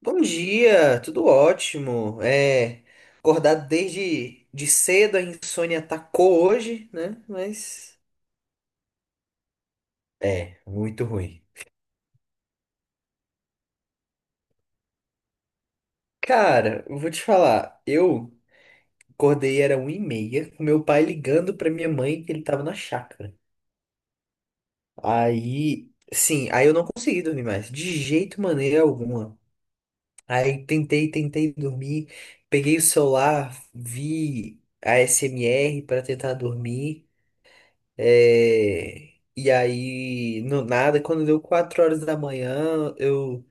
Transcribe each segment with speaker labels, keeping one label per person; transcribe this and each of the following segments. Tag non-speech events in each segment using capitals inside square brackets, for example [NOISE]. Speaker 1: Bom dia, tudo ótimo. É, acordado desde de cedo, a insônia atacou hoje, né? Mas é, muito ruim. Cara, eu vou te falar, eu acordei era 1 e meia, com meu pai ligando pra minha mãe que ele tava na chácara. Aí, sim, aí eu não consegui dormir mais, de jeito maneira alguma. Aí tentei, tentei dormir, peguei o celular, vi a SMR pra tentar dormir. É, e aí, no nada, quando deu 4 horas da manhã, eu,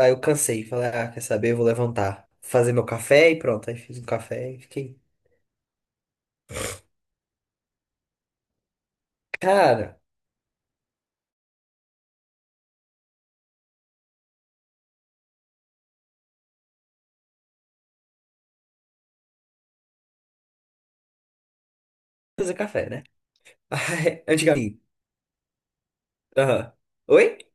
Speaker 1: aí eu cansei. Falei, ah, quer saber? Eu vou levantar, fazer meu café e pronto. Aí fiz um café e fiquei, cara, fazer café, né? [LAUGHS] Ai, antigamente. Aham. Oi?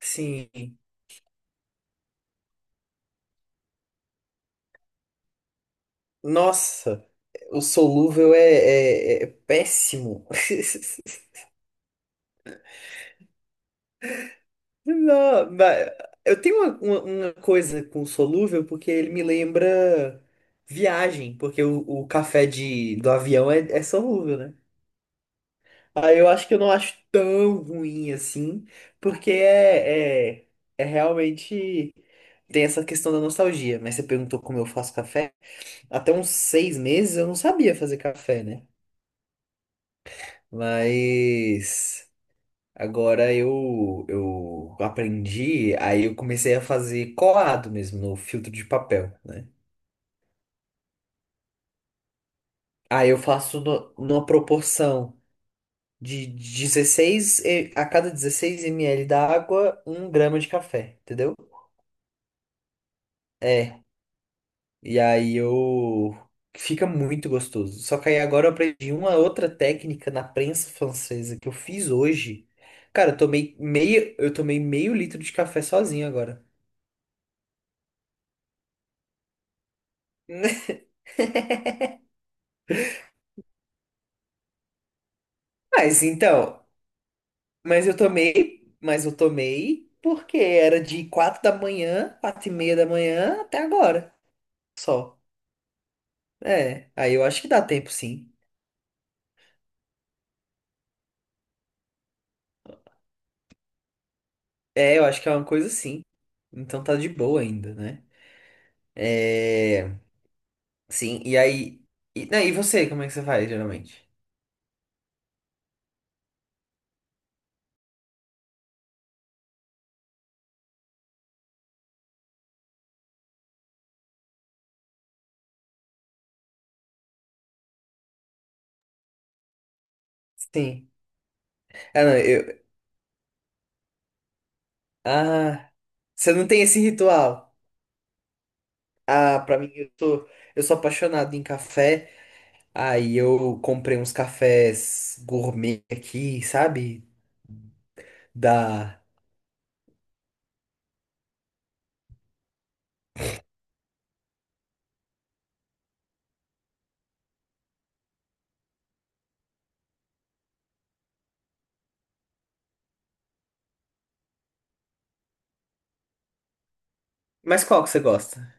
Speaker 1: Sim. Nossa, o solúvel é péssimo. [LAUGHS] Não, mas eu tenho uma coisa com solúvel porque ele me lembra viagem, porque o café do avião é solúvel, né? Aí eu acho que eu não acho tão ruim assim, porque é realmente tem essa questão da nostalgia. Mas você perguntou como eu faço café? Até uns 6 meses eu não sabia fazer café, né? Mas. Agora eu aprendi, aí eu comecei a fazer colado mesmo no filtro de papel, né? Aí eu faço numa proporção a cada 16 ml da água, 1 grama de café, entendeu? É, e aí eu... Fica muito gostoso. Só que aí agora eu aprendi uma outra técnica na prensa francesa que eu fiz hoje. Cara, eu tomei meio litro de café sozinho agora. [LAUGHS] Mas então, Mas eu tomei porque era de 4 da manhã, 4h30 da manhã até agora, só. É, aí eu acho que dá tempo sim. É, eu acho que é uma coisa sim. Então tá de boa ainda, né? É, sim, e aí... E, não, e você, como é que você faz, geralmente? Sim. Ah, não, eu... Ah, você não tem esse ritual? Ah, pra mim, eu sou... Eu sou apaixonado em café, aí eu comprei uns cafés gourmet aqui, sabe? Da. Mas qual que você gosta?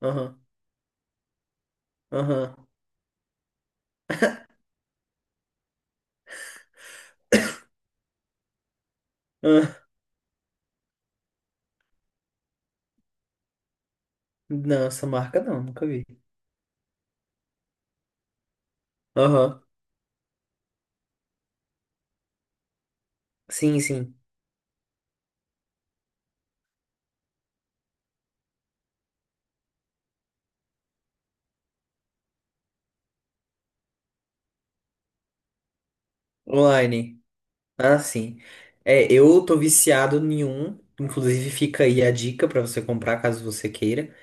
Speaker 1: Aham, aham. Ah. Não, essa marca não, nunca vi. Aham. Sim, sim. Online. Ah, sim. É, eu tô viciado em um. Inclusive, fica aí a dica pra você comprar caso você queira.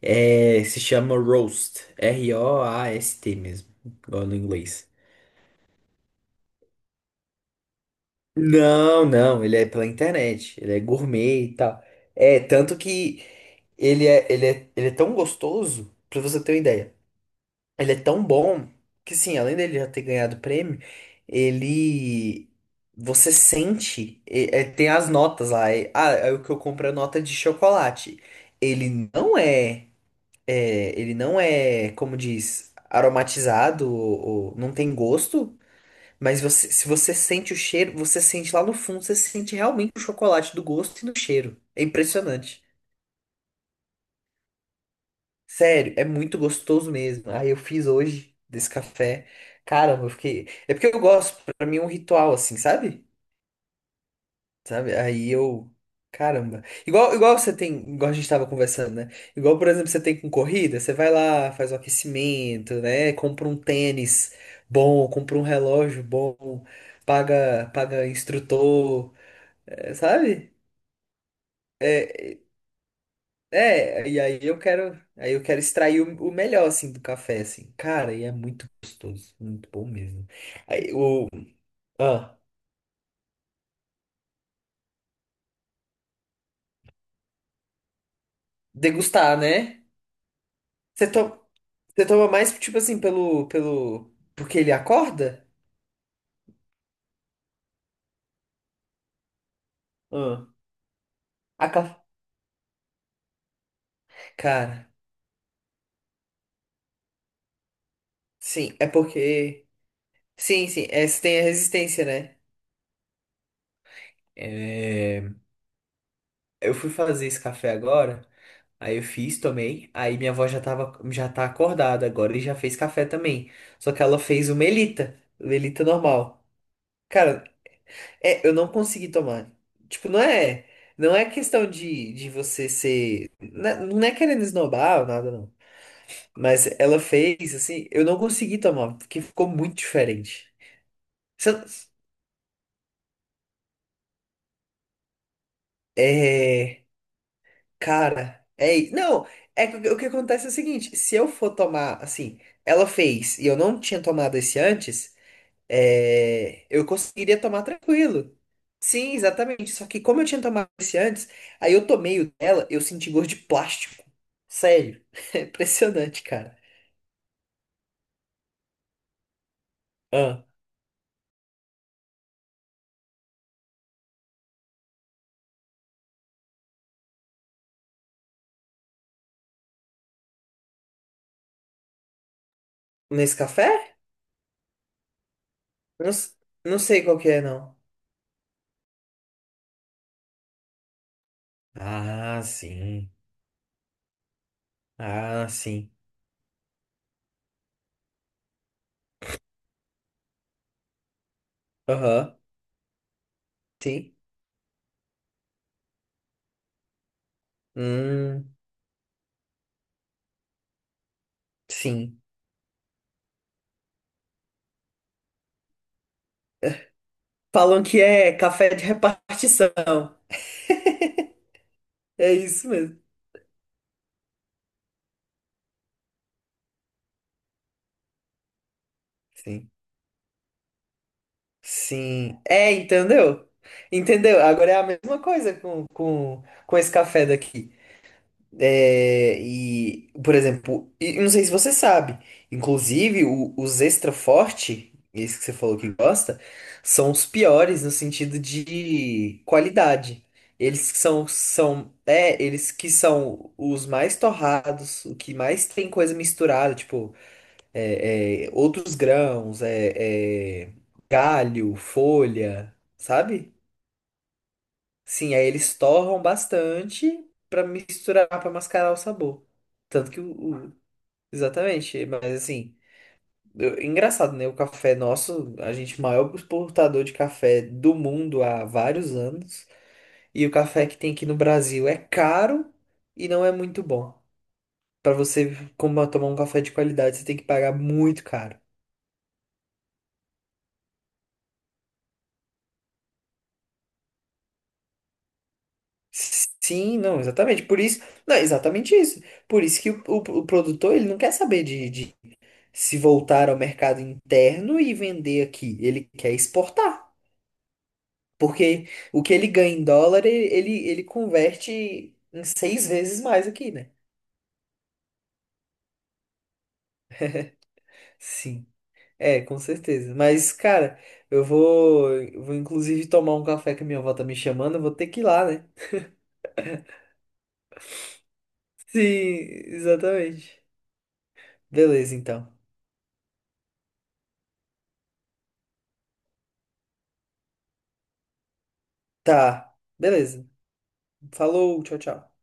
Speaker 1: É, se chama Roast. Roast mesmo. Igual no inglês. Não, não, ele é pela internet, ele é gourmet e tal. É, tanto que ele é tão gostoso, pra você ter uma ideia. Ele é tão bom que, sim, além dele já ter ganhado o prêmio, ele. Você sente. Tem as notas lá. É o que eu compro é nota de chocolate. Ele não é. É, ele não é, como diz, aromatizado, ou não tem gosto, mas você, se você sente o cheiro, você sente lá no fundo, você sente realmente o chocolate do gosto e do cheiro. É impressionante. Sério, é muito gostoso mesmo. Aí eu fiz hoje desse café. Caramba, eu fiquei. É porque eu gosto, pra mim é um ritual assim, sabe? Sabe? Aí eu. Caramba. Igual você tem, igual a gente tava conversando, né? Igual, por exemplo, você tem com corrida, você vai lá, faz o aquecimento, né? Compra um tênis bom, compra um relógio bom, paga, paga instrutor, é, sabe? É, é, e aí eu quero extrair o melhor assim do café assim. Cara, e é muito gostoso, muito bom mesmo. Aí o ah, degustar, né? Você to, você toma mais tipo assim pelo porque ele acorda? Ah, a ca- cara, sim, é porque sim, sim, é, você tem a resistência, né? É, eu fui fazer esse café agora. Aí eu fiz, tomei. Aí minha avó já tava, já tá acordada agora e já fez café também. Só que ela fez o Melita normal. Cara, é, eu não consegui tomar. Tipo, não é, não é questão de você ser, né, não é querendo esnobar ou nada não. Mas ela fez assim, eu não consegui tomar, porque ficou muito diferente. Se eu- É, cara, é, i- não, é que o que acontece é o seguinte, se eu for tomar assim, ela fez e eu não tinha tomado esse antes é, eu conseguiria tomar tranquilo. Sim, exatamente. Só que como eu tinha tomado esse antes, aí eu tomei o dela, eu senti gosto de plástico. Sério. [LAUGHS] É impressionante, cara. Ah, nesse café? Não, não sei qual que é, não. Ah, sim. Ah, sim. Aham. Sim. Hum, sim. Falam que é café de repartição. É isso mesmo. Sim. Sim, é, entendeu? Entendeu? Agora é a mesma coisa com esse café daqui. É, e, por exemplo, e eu não sei se você sabe, inclusive os extra forte, esse que você falou que gosta, são os piores no sentido de qualidade. Eles que são os mais torrados, o que mais tem coisa misturada, tipo outros grãos, galho, folha, sabe? Sim, aí eles torram bastante pra misturar, pra mascarar o sabor. Tanto que exatamente, mas assim, eu- engraçado, né? O café nosso, a gente é o maior exportador de café do mundo há vários anos, e o café que tem aqui no Brasil é caro e não é muito bom. Pra você como tomar um café de qualidade, você tem que pagar muito caro. Sim, não, exatamente. Por isso, não, exatamente isso. Por isso que o produtor ele não quer saber de se voltar ao mercado interno e vender aqui. Ele quer exportar. Porque o que ele ganha em dólar, ele converte em 6 vezes mais aqui, né? Sim, é, com certeza. Mas, cara, eu vou inclusive tomar um café que a minha avó tá me chamando, eu vou ter que ir lá, né? Sim, exatamente. Beleza, então. Tá, beleza. Falou, tchau, tchau.